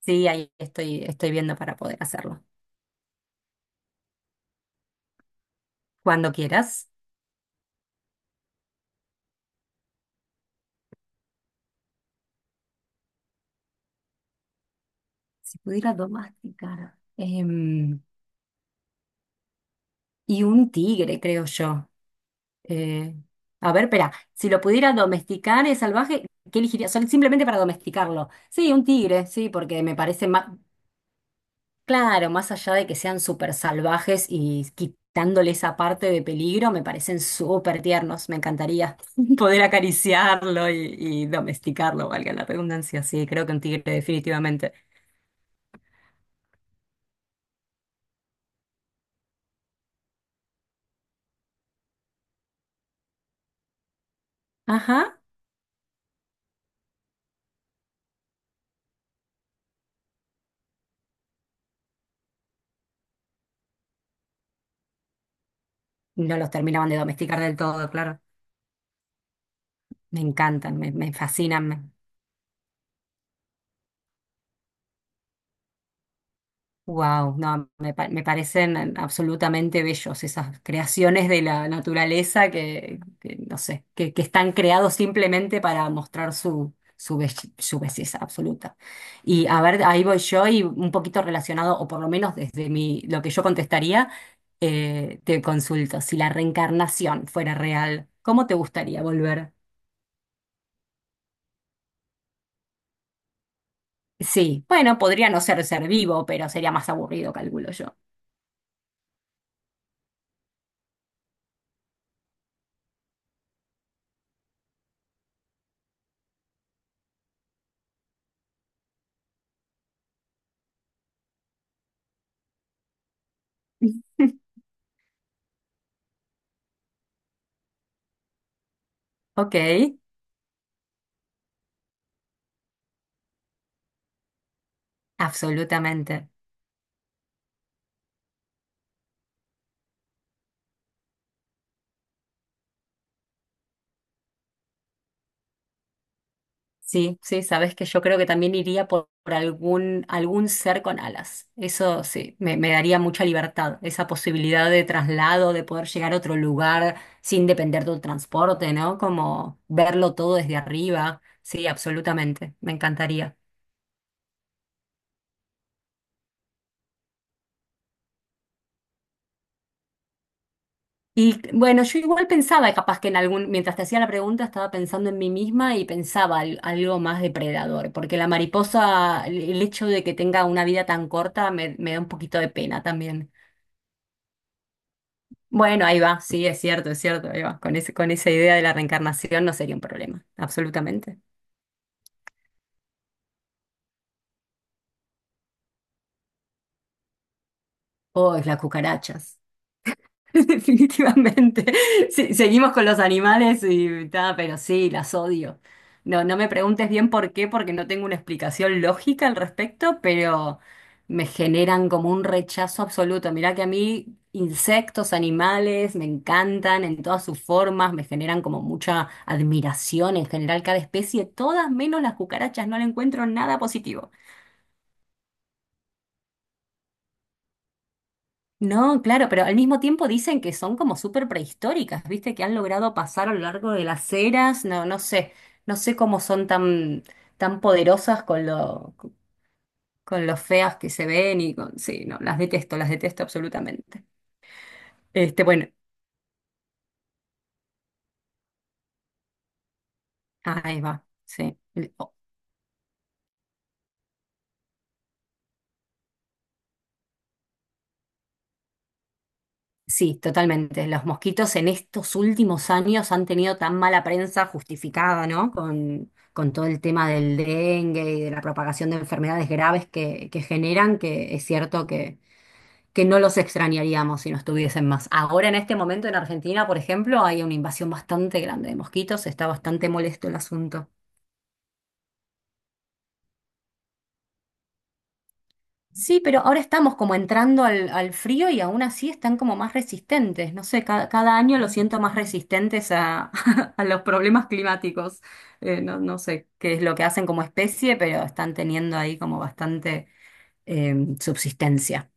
Sí, ahí estoy viendo para poder hacerlo. Cuando quieras. Si pudiera domesticar, y un tigre, creo yo. Eh, a ver, espera. Si lo pudiera domesticar es salvaje, ¿qué elegiría? Simplemente para domesticarlo. Sí, un tigre, sí, porque me parece más. Claro, más allá de que sean súper salvajes y quitándole esa parte de peligro, me parecen súper tiernos. Me encantaría poder acariciarlo y domesticarlo, valga la redundancia. Sí, creo que un tigre, definitivamente. Ajá. Y no los terminaban de domesticar del todo, claro. Me encantan, me fascinan. Wow, no, me parecen absolutamente bellos esas creaciones de la naturaleza que, no sé, que están creados simplemente para mostrar su belleza absoluta. Y a ver, ahí voy yo y un poquito relacionado, o por lo menos desde mi, lo que yo contestaría, te consulto, si la reencarnación fuera real, ¿cómo te gustaría volver? Sí, bueno, podría no ser ser vivo, pero sería más aburrido, calculo yo. Ok, absolutamente. Sí, sí, sabes que yo creo que también iría por algún ser con alas. Eso sí, me daría mucha libertad, esa posibilidad de traslado, de poder llegar a otro lugar sin depender del transporte, ¿no? Como verlo todo desde arriba. Sí, absolutamente, me encantaría. Y bueno, yo igual pensaba, capaz que en algún, mientras te hacía la pregunta, estaba pensando en mí misma y pensaba algo más depredador, porque la mariposa, el hecho de que tenga una vida tan corta me da un poquito de pena también. Bueno, ahí va, sí, es cierto, ahí va. Con esa idea de la reencarnación no sería un problema, absolutamente. Oh, es las cucarachas. Definitivamente. Sí, seguimos con los animales y ta, pero sí, las odio. No, no me preguntes bien por qué, porque no tengo una explicación lógica al respecto, pero me generan como un rechazo absoluto. Mirá que a mí insectos, animales, me encantan en todas sus formas, me generan como mucha admiración en general cada especie, todas menos las cucarachas, no le encuentro nada positivo. No, claro, pero al mismo tiempo dicen que son como súper prehistóricas, ¿viste? Que han logrado pasar a lo largo de las eras, no, no sé cómo son tan, tan poderosas con lo feas que se ven y con, sí, no, las detesto absolutamente. Este, bueno, ahí va, sí. Sí, totalmente. Los mosquitos en estos últimos años han tenido tan mala prensa justificada, ¿no? Con todo el tema del dengue y de la propagación de enfermedades graves que generan, que es cierto que no los extrañaríamos si no estuviesen más. Ahora, en este momento, en Argentina, por ejemplo, hay una invasión bastante grande de mosquitos, está bastante molesto el asunto. Sí, pero ahora estamos como entrando al frío y aún así están como más resistentes. No sé, cada año los siento más resistentes a, a los problemas climáticos. No, no sé qué es lo que hacen como especie, pero están teniendo ahí como bastante eh, subsistencia.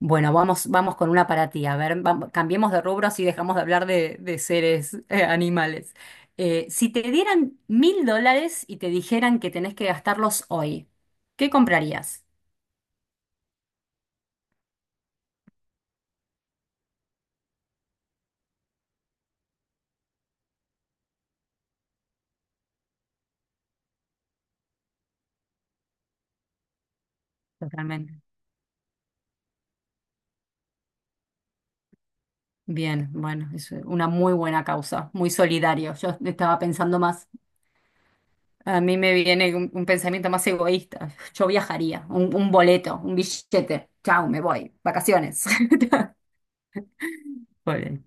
Bueno, vamos, vamos con una para ti. A ver, cambiemos de rubros y dejamos de hablar de seres animales. Si te dieran $1000 y te dijeran que tenés que gastarlos hoy, ¿qué comprarías? Totalmente. Bien, bueno, es una muy buena causa, muy solidario. Yo estaba pensando más, a mí me viene un pensamiento más egoísta. Yo viajaría, un boleto, un billete. Chau, me voy, vacaciones. Pobre.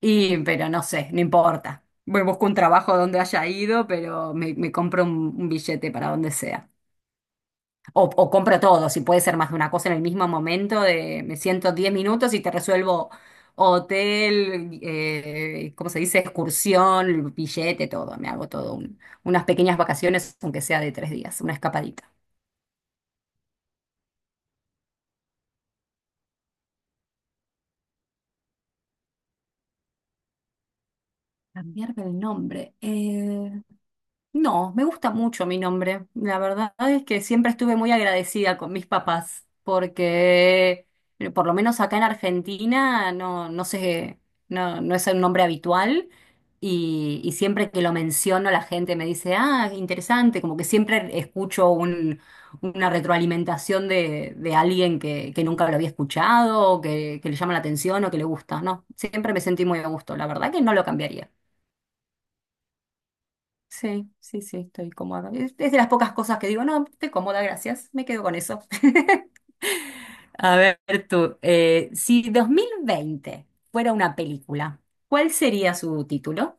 Y, pero no sé, no importa. Voy, busco un trabajo donde haya ido, pero me compro un billete para donde sea. O compro todo, si puede ser más de una cosa en el mismo momento, de me siento 10 minutos y te resuelvo hotel, ¿cómo se dice? Excursión, billete, todo. Me hago todo unas pequeñas vacaciones, aunque sea de 3 días, una escapadita. Cambiarme el nombre. No, me gusta mucho mi nombre. La verdad es que siempre estuve muy agradecida con mis papás, porque por lo menos acá en Argentina no, no sé, no, no es un nombre habitual y siempre que lo menciono la gente me dice, ah, interesante, como que siempre escucho una retroalimentación de alguien que nunca lo había escuchado, o que le llama la atención o que le gusta, ¿no? Siempre me sentí muy a gusto, la verdad que no lo cambiaría. Sí, sí, sí, estoy cómoda. Es de las pocas cosas que digo, no, estoy cómoda, gracias, me quedo con eso. A ver tú, si 2020 fuera una película, ¿cuál sería su título?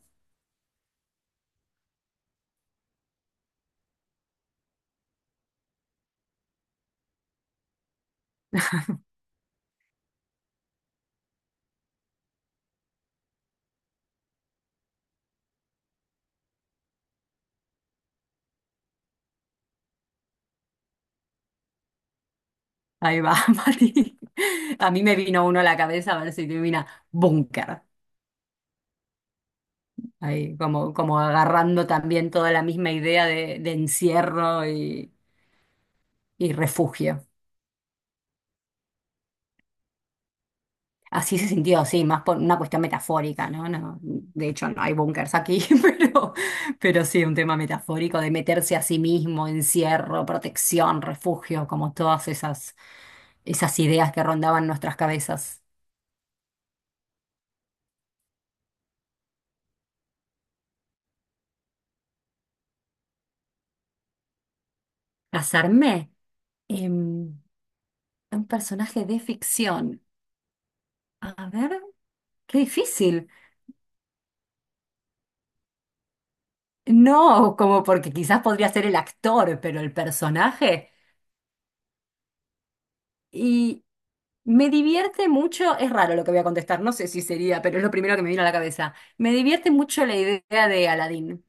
Ahí va, Mati. A mí me vino uno a la cabeza, a ver si te vino Búnker. Ahí como, como agarrando también toda la misma idea de encierro y refugio. Así se sintió, sí, más por una cuestión metafórica, ¿no? No, de hecho, no hay búnkers aquí, pero sí, un tema metafórico de meterse a sí mismo, encierro, protección, refugio, como todas esas ideas que rondaban nuestras cabezas. Casarme, em, un personaje de ficción. A ver, qué difícil. No, como porque quizás podría ser el actor, pero el personaje. Me divierte mucho, es raro lo que voy a contestar, no sé si sería, pero es lo primero que me vino a la cabeza. Me divierte mucho la idea de Aladdin.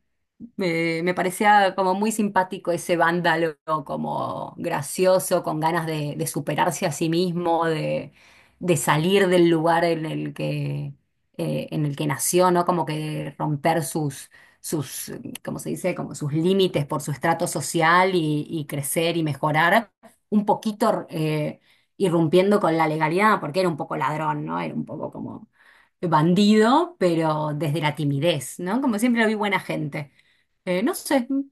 Me parecía como muy simpático ese vándalo, como gracioso, con ganas de superarse a sí mismo, de salir del lugar en el que nació, ¿no? Como que romper sus, ¿cómo se dice? Como sus límites por su estrato social y crecer y mejorar un poquito. Irrumpiendo con la legalidad, porque era un poco ladrón, ¿no? Era un poco como bandido, pero desde la timidez, ¿no? Como siempre lo vi buena gente. No sé, mm,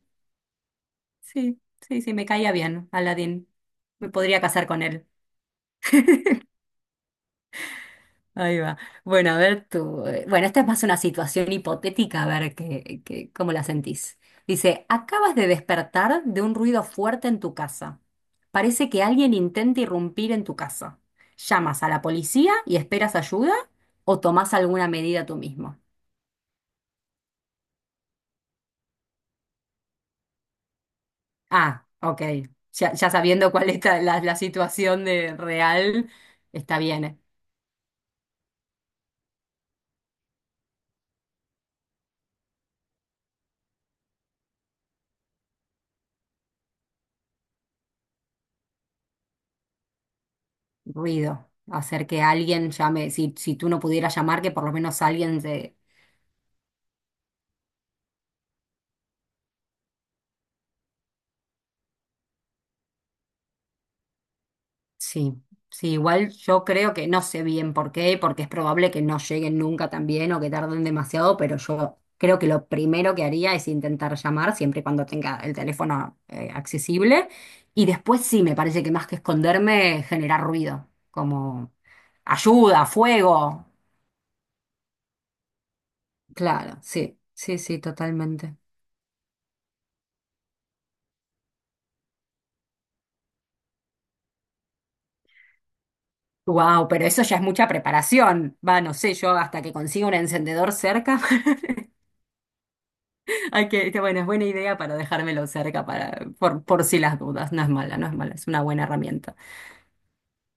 sí, sí, sí, me caía bien, Aladdin. Me podría casar con él. Ahí va. Bueno, a ver tú. Bueno, esta es más una situación hipotética, a ver qué, cómo la sentís. Dice, acabas de despertar de un ruido fuerte en tu casa. Parece que alguien intenta irrumpir en tu casa. ¿Llamas a la policía y esperas ayuda o tomás alguna medida tú mismo? Ah, ok. Ya, ya sabiendo cuál es la situación de real, está bien. Ruido. Hacer que alguien llame, si tú no pudieras llamar, que por lo menos alguien. Sí, sí, igual yo creo que no sé bien por qué, porque es probable que no lleguen nunca también o que tarden demasiado, pero yo creo que lo primero que haría es intentar llamar siempre y cuando tenga el teléfono accesible. Y después sí, me parece que más que esconderme, generar ruido, como ayuda, fuego. Claro, sí, sí, sí, totalmente. Wow, pero eso ya es mucha preparación. Va, no sé, yo hasta que consiga un encendedor cerca. Que bueno, es buena idea para dejármelo cerca para, por si las dudas. No es mala, no es mala, es una buena herramienta.